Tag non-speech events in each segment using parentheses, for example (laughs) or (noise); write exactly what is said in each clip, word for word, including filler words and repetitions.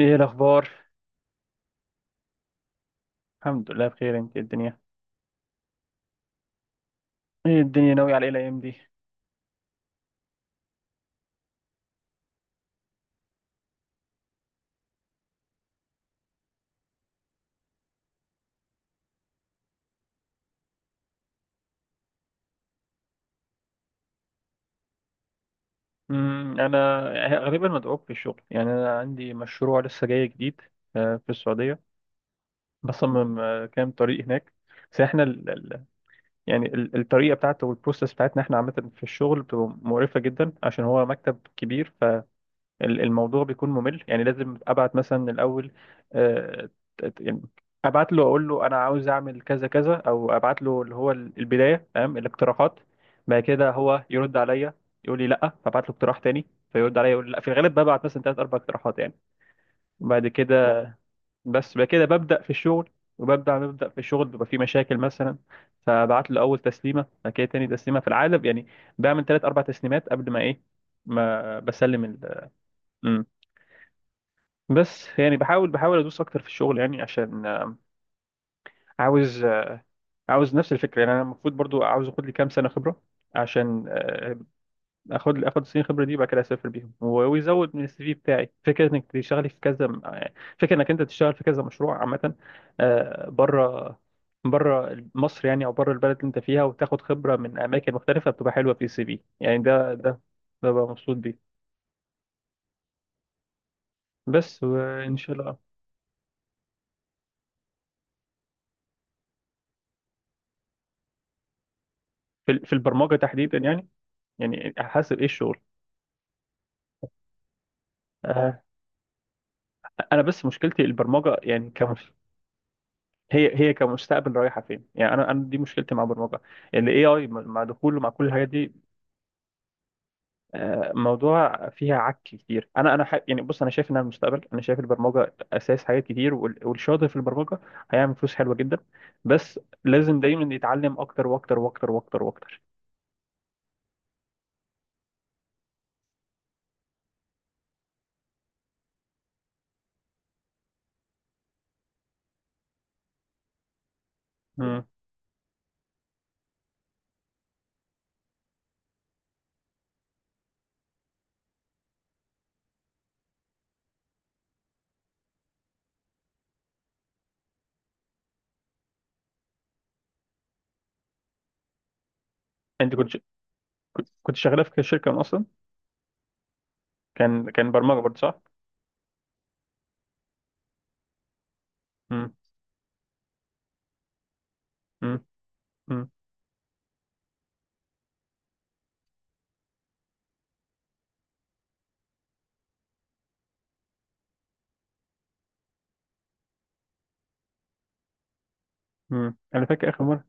ايه الاخبار؟ الحمد لله بخير. انت إيه الدنيا؟ ايه الدنيا، ناوي على ايه الايام دي؟ امم انا غالبا مدعوك في الشغل، يعني انا عندي مشروع لسه جاي جديد. آه، في السعوديه. بصمم آه، كام طريق هناك. بس احنا ال... ال- يعني ال- الطريقه بتاعته والبروسيس بتاعتنا احنا عامه في الشغل بتبقى مقرفه جدا، عشان هو مكتب كبير. ال- الموضوع بيكون ممل، يعني لازم ابعت مثلا الاول آه، ت- يعني ابعت له اقول له انا عاوز اعمل كذا كذا، او ابعت له اللي هو ال- البدايه تمام الاقتراحات. بعد كده هو يرد عليا يقول لي لا، فابعت له اقتراح تاني. فيرد عليا يقول لي لا. في الغالب ببعت مثلا ثلاث اربع اقتراحات يعني. وبعد كده، بس بعد كده ببدا في الشغل. وببدا ببدا في الشغل بيبقى في مشاكل مثلا. فبعت له اول تسليمه، بعد كده تاني تسليمه في العالم يعني. بعمل ثلاث اربع تسليمات قبل ما ايه، ما بسلم ال بس. يعني بحاول بحاول ادوس اكتر في الشغل، يعني عشان آه، عاوز آه، عاوز نفس الفكره. يعني انا المفروض برضو عاوز اخد لي كام سنه خبره عشان آه، اخد اخد سنين خبره دي وبعد كده اسافر بيهم و- ويزود من السي في بتاعي، فكره انك تشتغلي في كذا م- آه، فكره انك انت تشتغل في كذا مشروع عامه. آه، بره، بره مصر يعني، او بره البلد اللي انت فيها، وتاخد خبره من اماكن مختلفه بتبقى حلوه في السي في يعني. ده ده ده بقى مبسوط بيه. بس وان شاء الله. في ال- في البرمجه تحديدا يعني؟ يعني حسب ايه الشغل. آه، انا بس مشكلتي البرمجه، يعني كمش... هي هي كمستقبل رايحه فين يعني. انا انا دي مشكلتي مع البرمجه. الاي اي مع دخوله مع كل الحاجات دي. آه، موضوع فيها عك كتير. انا انا ح... يعني بص انا شايف انها المستقبل، انا شايف البرمجه اساس حاجات كتير، وال- والشاطر في البرمجه هيعمل فلوس حلوه جدا. بس لازم دايما يتعلم اكتر واكتر واكتر واكتر واكتر. مم. انت كنت ش... كنت كنت شغاله في شركه من اصلا؟ كان كان برمجه برضه صح؟ امم. امم. امم، انا فاكر اخر مره.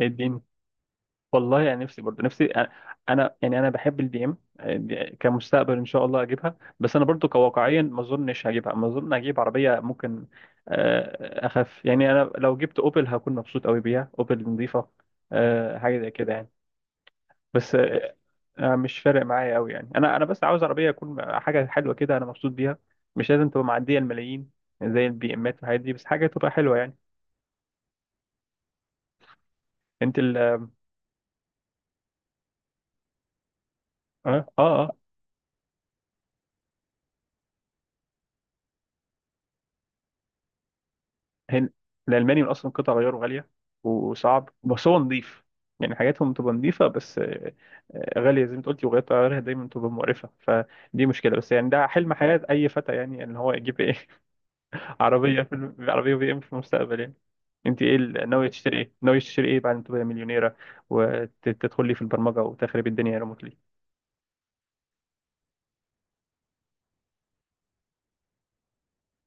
اديني. والله يعني نفسي برضه، نفسي انا. أنا- يعني انا بحب البي ام كمستقبل ان شاء الله اجيبها، بس انا برضه كواقعيا ما اظنش هجيبها. ما اظن، اجيب عربيه ممكن، آه، اخف يعني. انا لو جبت اوبل هكون مبسوط قوي بيها، اوبل نظيفه. آه، حاجه زي كده يعني. بس آه، آه، مش فارق معايا قوي يعني. انا انا بس عاوز عربيه تكون حاجه حلوه كده انا مبسوط بيها. مش لازم تبقى معديه الملايين زي البي امات والحاجات دي، بس حاجه تبقى حلوه يعني. انت ال اه اه آه. هن الالماني من اصلا قطع غياره غاليه وصعب، بس هو نظيف. يعني حاجاتهم تبقى نظيفه، بس آه، آه، غاليه زي ما انت قلتي، وغيرت غيرها دايما تبقى مقرفه، فدي مشكله. بس يعني ده حلم حياه اي فتى يعني، ان هو يجيب ايه (laughs) عربيه في الم- عربيه بي ام في المستقبل يعني. انت ايه ال- ناويه تشتري ايه؟ ناويه تشتري ايه بعد ما تبقى مليونيره وتدخلي في البرمجه وتخربي الدنيا ريموتلي؟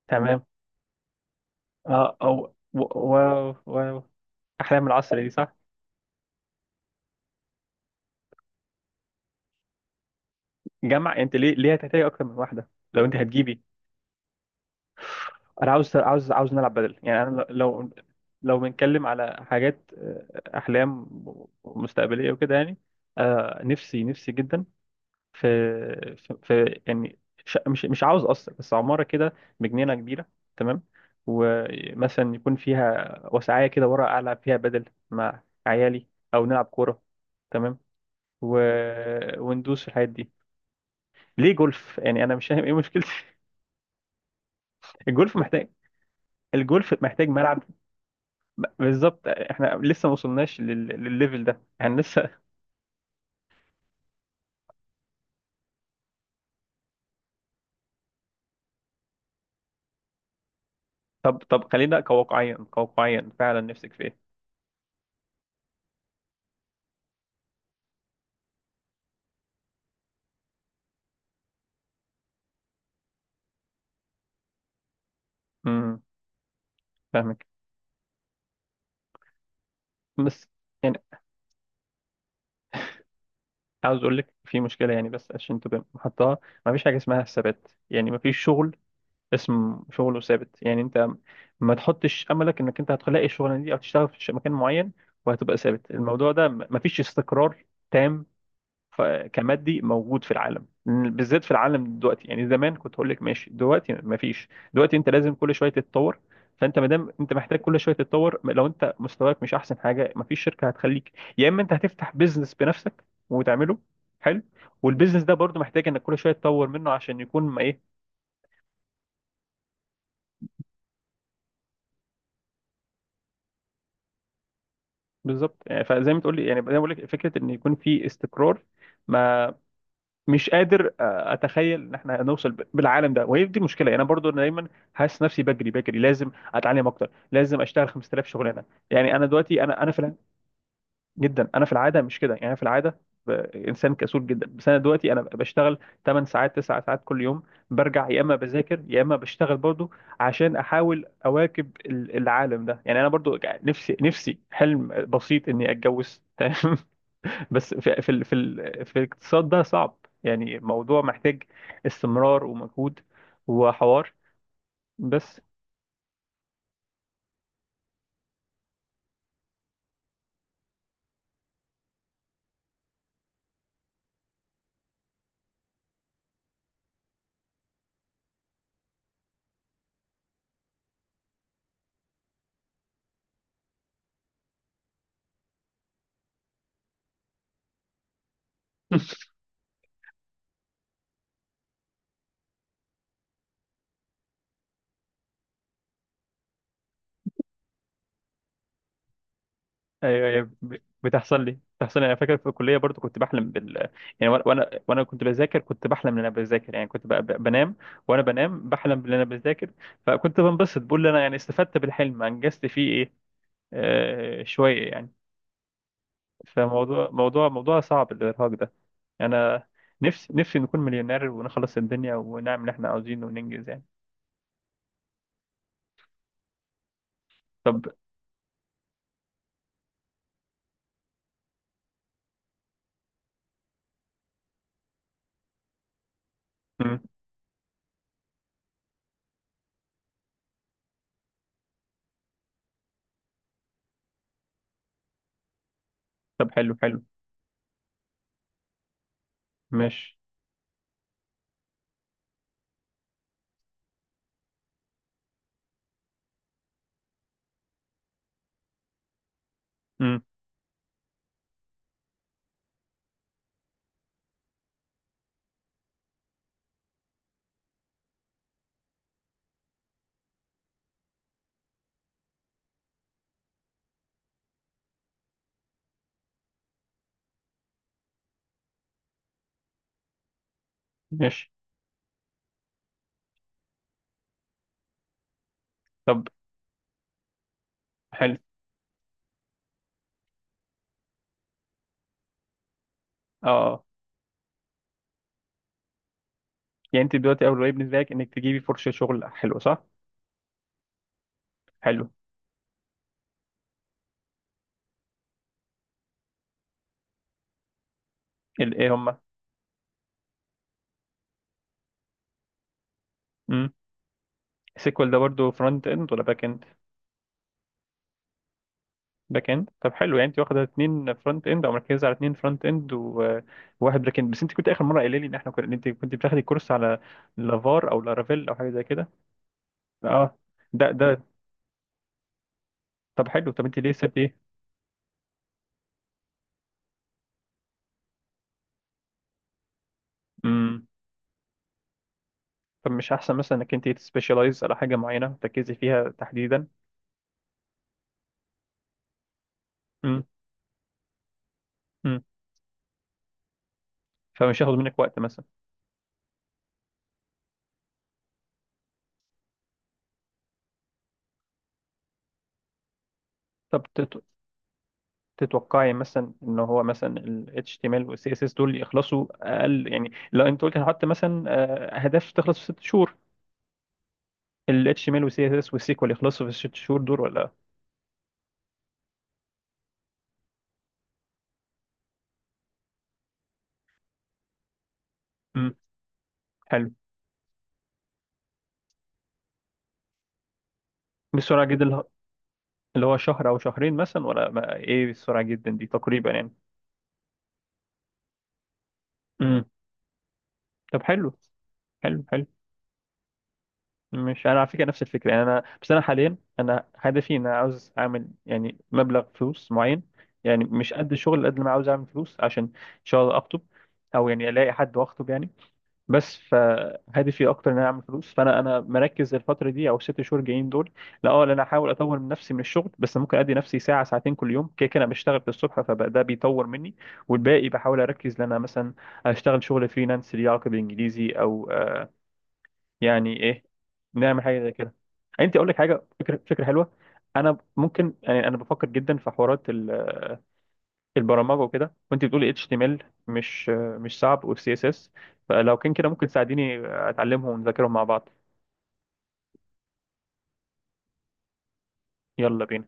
تمام. اه، او، و- واو، واو، احلام العصر دي صح؟ جمع. انت ليه ليه هتحتاجي اكتر من واحده لو انت هتجيبي؟ انا عاوز عاوز عاوز نلعب بدل يعني. انا لو، لو بنتكلم على حاجات آه، احلام مستقبليه وكده يعني. آه، نفسي نفسي جدا في، في, في يعني، ش- مش مش عاوز قصر بس عماره كده بجنينه كبيره. تمام. ومثلا يكون فيها وسعايه كده ورا العب فيها بدل مع عيالي، او نلعب كوره. تمام. و... وندوس في الحاجات دي. ليه جولف يعني؟ انا مش فاهم ايه مشكلتي (laughs) الجولف محتاج الجولف محتاج ملعب. بالظبط، احنا لسه ما وصلناش لل... للليفل ده يعني لسه. (laughs) طب طب خلينا كواقعيا، كواقعيا فعلا، نفسك في ايه؟ امم، فاهمك. بس يعني عاوز اقول لك في مشكله يعني، بس عشان تبقى محطها. ما فيش حاجه اسمها ثبات يعني. ما فيش شغل اسم شغله ثابت يعني. انت ما تحطش املك انك انت هتلاقي الشغلانه دي او تشتغل في ش- مكان معين وهتبقى ثابت. الموضوع ده ما ما فيش استقرار. تام. ف- كمادي موجود في العالم، بالذات في العالم دلوقتي يعني. زمان كنت هقول لك ماشي، دلوقتي مفيش. دلوقتي انت لازم كل شويه تتطور. فانت ما دام انت محتاج كل شويه تتطور، لو انت مستواك مش احسن حاجه مفيش شركه هتخليك. يا اما انت هتفتح بيزنس بنفسك وتعمله حلو. والبيزنس ده برضو محتاج انك كل شويه تطور منه عشان يكون ما ايه. بالظبط يعني. فزي ما تقول لي يعني، زي ما بقول لك، فكره ان يكون في استقرار، ما مش قادر آه، اتخيل ان احنا هنوصل ب- بالعالم ده، وهي دي المشكله. انا برضو انا دايما حاسس نفسي بجري بجري. لازم اتعلم اكتر، لازم اشتغل خمسة آلاف شغلانه يعني. انا دلوقتي انا انا في الع- جدا. انا في العاده مش كده يعني. أنا في العاده ب- انسان كسول جدا. بس انا دلوقتي انا بشتغل 8 ساعات، 9 ساعات كل يوم، برجع يا اما بذاكر يا اما بشتغل برضو عشان احاول اواكب ال- العالم ده يعني. انا برضو يعني نفسي نفسي حلم بسيط اني اتجوز (laughs) تمام. بس في في ال- في ال- في الاقتصاد ده صعب يعني. موضوع محتاج استمرار ومجهود وحوار بس (laughs) ايوه، أيوة. ب- بتحصل لي بتحصل لي، انا فاكر في الكليه برضو كنت بحلم بال يعني. وانا وانا وأنا كنت بذاكر، كنت بحلم ان انا بذاكر يعني. كنت ب- ب- بنام، وانا بنام بحلم ان انا بذاكر. فكنت بنبسط، بقول انا يعني استفدت بالحلم، انجزت فيه ايه؟ آه شويه يعني. فموضوع موضوع موضوع صعب الارهاق ده. انا نفسي نفسي نكون مليونير ونخلص الدنيا ونعمل اللي احنا عاوزينه وننجز يعني. طب. مم. طب حلو حلو. ماشي. مم. ماشي. طب حلو. اه. يعني انت دلوقتي اول واجب بالنسبه لك انك تجيبي فرصه شغل، حلو صح؟ حلو. ال- ايه هما؟ امم. السيكوال ده برضو فرونت اند ولا باك اند؟ باك اند، طب حلو. يعني انت واخده اتنين فرونت اند او مركزه على اتنين فرونت اند وواحد باك اند بس. انت كنت اخر مره قايله لي ان احنا كنا، إن انت كنت بتاخدي كورس على لافار او لارافيل او حاجه زي كده. اه. ده ده طب حلو. طب انت ليه سبت ايه؟ امم. طب مش احسن مثلا انك انت تسبيشالايز على حاجه معينه تركزي فيها تحديدا؟ امم. امم. فمش هياخد منك وقت مثلا. طب تت- تتوقعي مثلا ان هو مثلا ال إتش تي إم إل وال سي إس إس دول يخلصوا اقل؟ يعني لو انت قلت هحط مثلا آه، اهداف تخلص في ست شهور، ال إتش تي إم إل وال سي إس إس وال إس كيو إل يخلصوا في الست شهور دول ولا؟ امم. حلو. بسرعه جدا اللي هو، اللي هو شهر او شهرين مثلا ولا ما- ايه السرعه جدا دي تقريبا يعني؟ امم. طب حلو حلو حلو. مش انا على فكره نفس الفكره يعني. انا بس انا حاليا انا هدفي ان انا عاوز اعمل يعني مبلغ فلوس معين. يعني مش قد الشغل قد ما أنا عاوز اعمل فلوس عشان ان شاء الله اخطب، او يعني الاقي حد واخطب يعني. بس فهدفي اكتر ان انا اعمل فلوس. فانا انا مركز الفتره دي، او الست شهور جايين دول، لا اه لا انا احاول اطور من نفسي من الشغل. بس ممكن ادي نفسي ساعه ساعتين كل يوم، كده كده أنا بشتغل في الصبح فده بيطور مني. والباقي بحاول اركز ان انا مثلا اشتغل شغل فريلانس ليه علاقه بالانجليزي، او آه، يعني ايه، نعمل حاجه زي كده. انت اقول لك حاجه، فكره فكره حلوه. انا ممكن يعني انا بفكر جدا في حوارات ال- البرمجه وكده، وانت بتقولي اتش تي ام ال مش مش صعب والسي اس اس. فلو كان كده ممكن تساعديني اتعلمهم ونذاكرهم مع بعض. يلا بينا.